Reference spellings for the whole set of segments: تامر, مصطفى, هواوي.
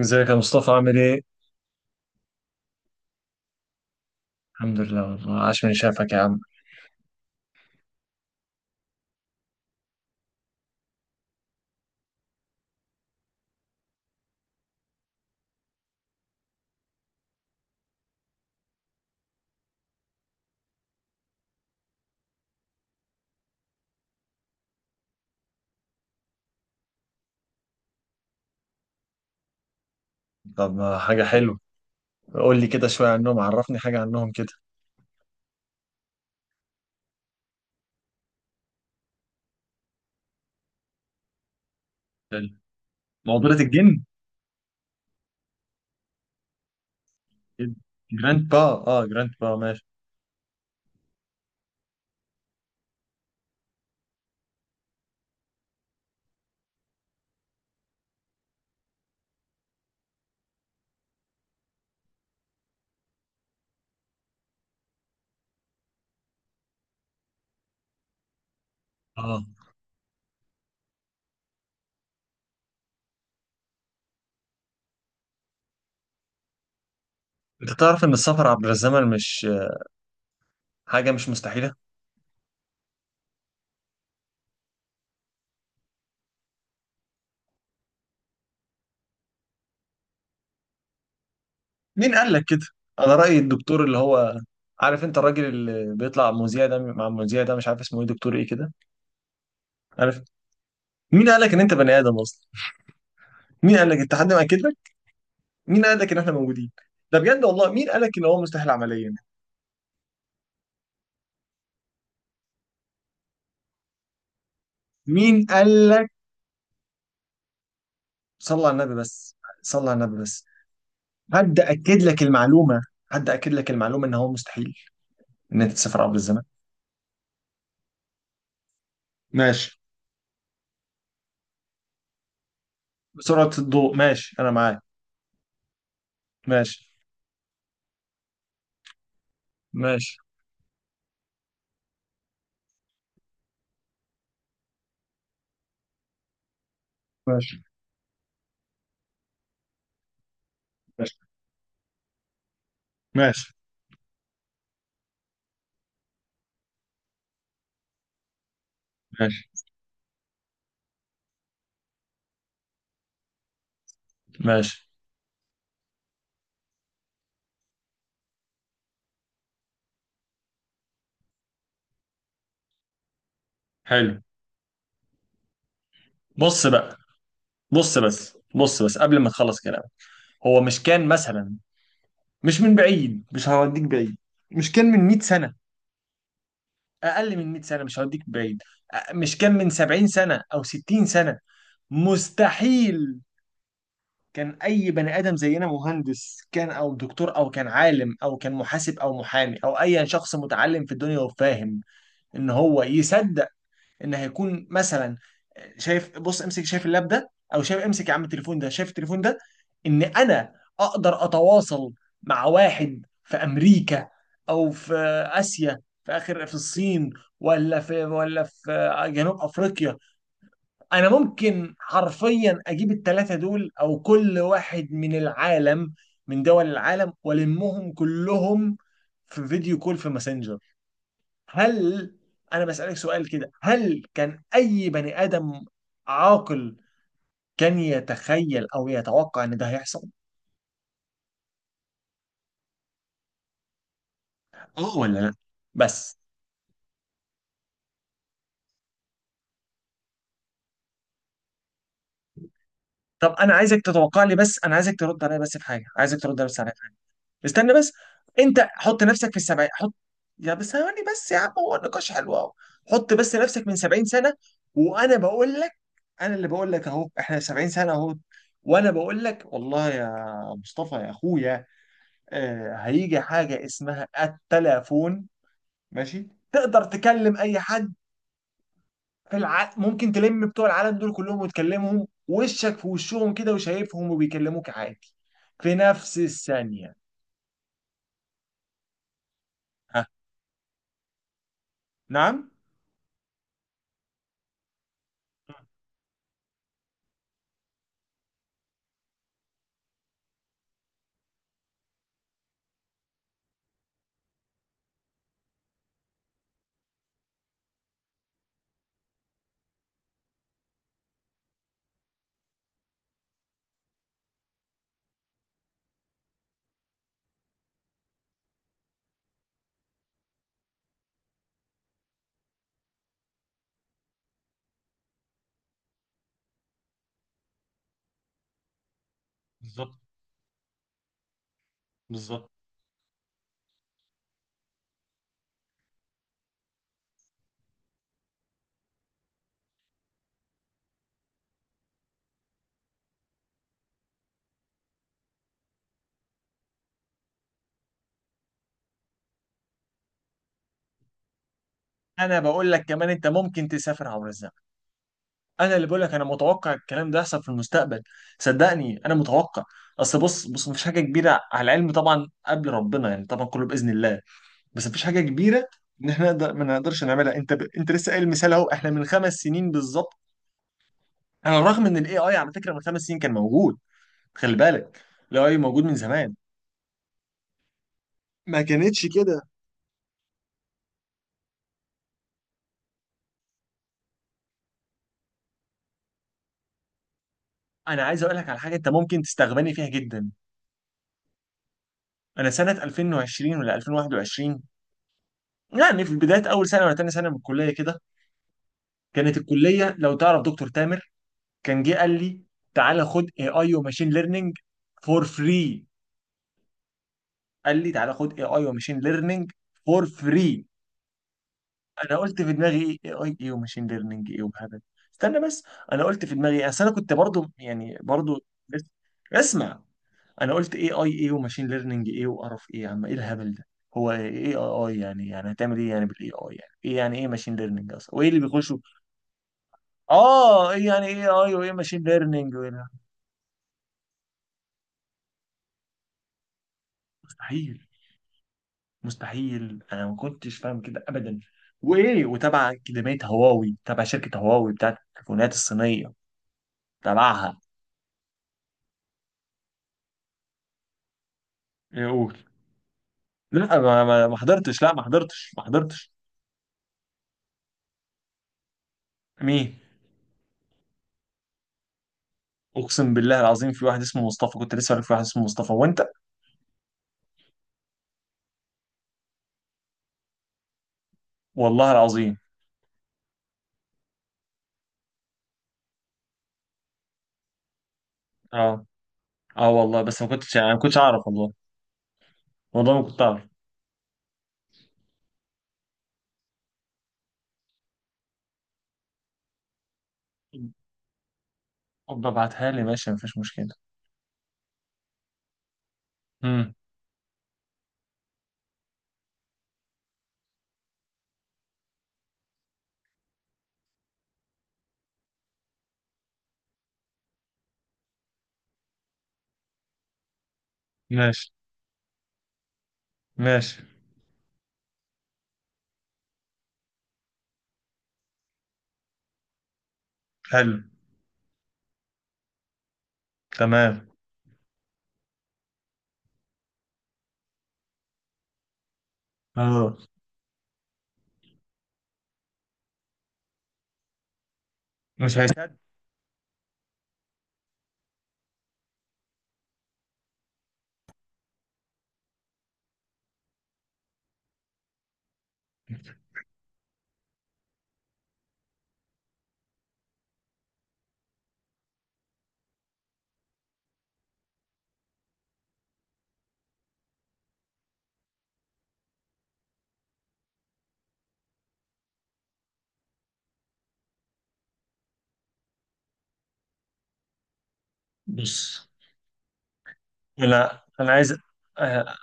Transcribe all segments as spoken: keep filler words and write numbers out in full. ازيك يا مصطفى عامل ايه؟ الحمد لله والله، عاش من شافك يا عم. طب ما حاجة حلوة، قول لي كده شوية عنهم، عرفني حاجة عنهم كده. حلو. مقبرة الجن؟ جراند با. اه جراند با ماشي. اه. انت تعرف ان السفر عبر الزمن مش حاجة مش مستحيلة؟ مين قال لك كده؟ على رأي الدكتور اللي هو، عارف انت الراجل اللي بيطلع مذيع ده مع المذيع ده، مش عارف اسمه ايه، دكتور ايه كده، عارف. مين قال لك ان انت بني ادم اصلا؟ مين قال لك؟ انت حد مأكد لك؟ مين قال لك ان احنا موجودين؟ ده بجد والله، مين قال لك ان هو مستحيل عمليا؟ مين قال لك؟ صلى على النبي بس. صلى على النبي بس. حد أكد لك المعلومة؟ حد أكد لك المعلومة ان هو مستحيل، ان انت تسافر عبر الزمن؟ ماشي. بسرعة الضوء ماشي، انا معاك. ماشي. ماشي. ماشي. ماشي. ماشي. ماشي. ماشي. حلو. بص بقى، بص بس، بص بس قبل ما تخلص كلام. هو مش كان مثلا، مش من بعيد، مش هوديك بعيد، مش كان من مية سنة؟ أقل من مية سنة، مش هوديك بعيد، أ- مش كان من سبعين سنة أو ستين سنة؟ مستحيل. كان أي بني آدم زينا، مهندس كان أو دكتور أو كان عالم أو كان محاسب أو محامي أو أي شخص متعلم في الدنيا وفاهم، إن هو يصدق ان هيكون مثلا، شايف، بص امسك، شايف اللاب ده، او شايف، امسك يا عم التليفون ده، شايف التليفون ده، ان انا اقدر اتواصل مع واحد في امريكا او في اسيا، في اخر، في الصين ولا في ولا في جنوب افريقيا، انا ممكن حرفيا اجيب الثلاثه دول او كل واحد من العالم، من دول العالم، والمهم كلهم في فيديو كول في ماسنجر. هل، انا بسألك سؤال كده، هل كان اي بني ادم عاقل كان يتخيل او يتوقع ان ده هيحصل؟ اه ولا لا؟ بس. طب انا عايزك تتوقع لي بس، انا عايزك ترد عليا بس في حاجه، عايزك ترد بس عليا في حاجه. استنى بس، انت حط نفسك في السبعين، حط. يا بس ثواني بس يا عم، هو النقاش حلو اهو. حط بس نفسك من سبعين سنه، وانا بقول لك، انا اللي بقول لك اهو، احنا سبعين سنه اهو، وانا بقول لك والله يا مصطفى يا اخويا، آه، هيجي حاجة اسمها التلافون. ماشي، تقدر تكلم أي حد في الع... ممكن تلم بتوع العالم دول كلهم وتكلمهم، وشك في وشهم كده، وشايفهم وبيكلموك عادي في نفس الثانية. ها؟ نعم. بالظبط. بالظبط، أنا بقول لك كمان، أنت ممكن تسافر عبر الزمن. أنا اللي بقول لك، أنا متوقع الكلام ده يحصل في المستقبل، صدقني أنا متوقع. أصل بص، بص، مفيش حاجة كبيرة على العلم طبعا، قبل ربنا يعني، طبعا كله بإذن الله، بس مفيش حاجه كبيره ان احنا نقدر ما نقدرش نعملها. انت ب... انت لسه قايل مثال اهو، احنا من خمس سنين بالظبط، على الرغم ان الاي اي على فكره من خمس سنين كان موجود. خلي بالك، الاي اي موجود من زمان، ما كانتش كده. انا عايز اقول لك على حاجه انت ممكن تستغبني فيها جدا. انا سنه ألفين وعشرين ولا ألفين وواحد وعشرين، يعني في بدايه اول سنه ولا تاني سنه من الكليه كده، كانت الكليه، لو تعرف دكتور تامر، كان جه قال لي، تعالى خد اي اي وماشين ليرنينج فور فري، قال لي تعالى خد اي اي وماشين ليرنينج فور فري. انا قلت في دماغي، ايه اي اي وماشين ليرنينج ايه وهبل. استنى بس، انا قلت في دماغي ايه، اصل انا كنت برضو، يعني برضو بس. اسمع، انا قلت ايه اي ايه وماشين ليرنينج ايه وقرف، ايه يا عم، ايه الهبل ده، هو ايه اي اي يعني، يعني هتعمل ايه يعني بالاي اي، يعني ايه يعني، ايه ماشين ليرنينج اصلا، وايه اللي بيخشوا؟ اه، ايه يعني ايه اي وايه ماشين ليرنينج؟ مستحيل، مستحيل، انا ما كنتش فاهم كده ابدا. وايه، وتبع اكاديميه هواوي، تبع شركه هواوي بتاعت التليفونات الصينيه، تبعها. لا، ما ما ما حضرتش، لا ما حضرتش، ما حضرتش. مين؟ اقسم بالله العظيم، في واحد اسمه مصطفى كنت لسه عارف، في واحد اسمه مصطفى، وانت؟ والله العظيم. اه. اه والله، بس ما كنتش يعني، ما كنتش اعرف والله. والله ما كنت اعرف. ابقى ابعتها لي، ماشي مفيش مشكله. امم. ماشي. ماشي. حلو. تمام. اه. مش هيسد. بص. لا انا عايز، آه،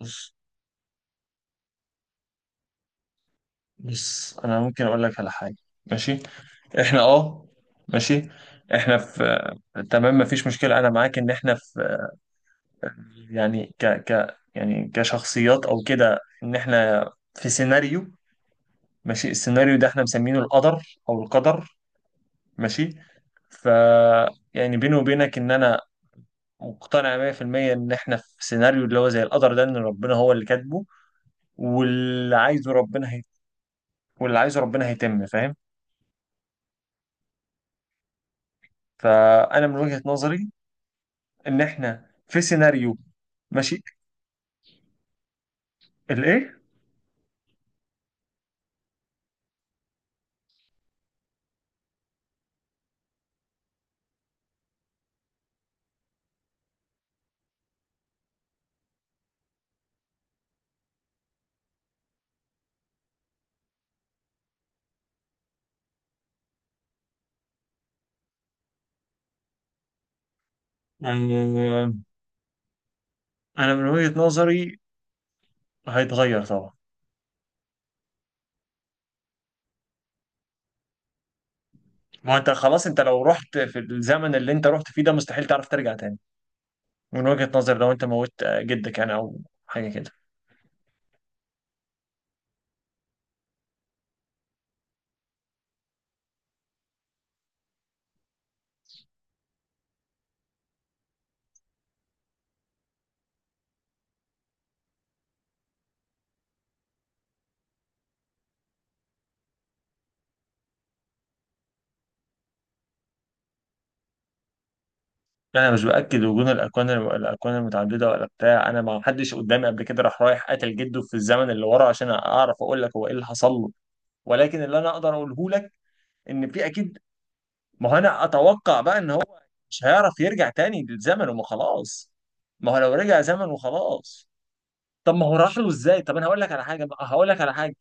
بص بص، انا ممكن اقول لك على حاجه. ماشي. احنا اه، ماشي، احنا في، تمام مفيش مشكلة انا معاك، ان احنا في، يعني ك ك يعني كشخصيات او كده، ان احنا في سيناريو، ماشي، السيناريو ده احنا مسمينه القدر، او القدر. ماشي. ف، يعني بيني وبينك ان انا مقتنع مية في المية ان احنا في سيناريو اللي هو زي القدر ده، ان ربنا هو اللي كاتبه، واللي عايزه ربنا هي... واللي عايزه ربنا هيتم، فاهم. فانا من وجهة نظري ان احنا في سيناريو. ماشي. الايه. آه، انا من وجهة نظري هيتغير طبعا. ما انت خلاص، انت لو رحت في الزمن اللي انت رحت فيه ده، مستحيل تعرف ترجع تاني. من وجهة نظري لو انت موت آه، جدك يعني او حاجة كده. انا مش باكد وجود الاكوان، الاكوان المتعدده ولا بتاع، انا ما حدش قدامي قبل كده راح رايح قتل جده في الزمن اللي ورا عشان اعرف اقول لك هو ايه اللي حصل له. ولكن اللي انا اقدر اقوله لك، ان في اكيد، ما هو انا اتوقع بقى ان هو مش هيعرف يرجع تاني للزمن، وما خلاص، ما هو لو رجع زمن وخلاص. طب ما هو راح له ازاي؟ طب انا هقول لك على حاجه بقى، هقول لك على حاجه.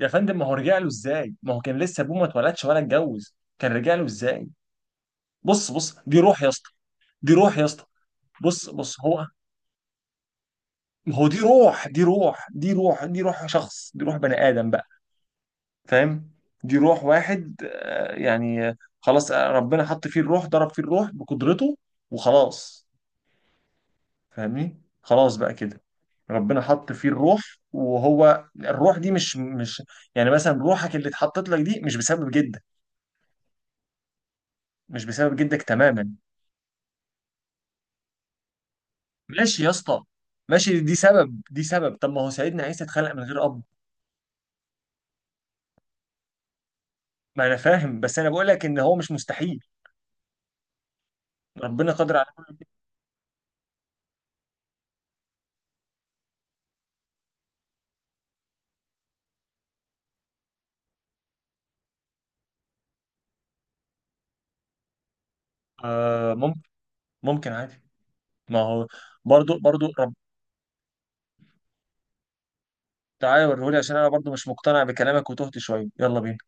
يا فندم، ما هو رجع له ازاي؟ ما هو كان لسه ابوه ما اتولدش ولا اتجوز، كان رجع له ازاي؟ بص، بص، دي روح يا اسطى. دي روح يا اسطى. بص بص هو، ما هو دي روح، دي روح دي روح دي روح شخص، دي روح بني ادم بقى، فاهم؟ دي روح واحد، آه، يعني، آه، خلاص، آه، ربنا حط فيه الروح، ضرب فيه الروح بقدرته وخلاص. فاهمني؟ خلاص بقى كده، ربنا حط فيه الروح، وهو الروح دي مش مش يعني مثلا روحك اللي اتحطت لك دي مش بسبب جدك، مش بسبب جدك تماما. ماشي يا اسطى. ماشي، دي سبب، دي سبب، طب ما هو سيدنا عيسى اتخلق من غير اب. ما انا فاهم، بس انا بقول لك ان هو مش مستحيل، ربنا قادر على، آه ممكن، ممكن عادي. ما هو برضو برضو رب تعالى وريهولي عشان انا برضو مش مقتنع بكلامك وتهت شويه، يلا بينا.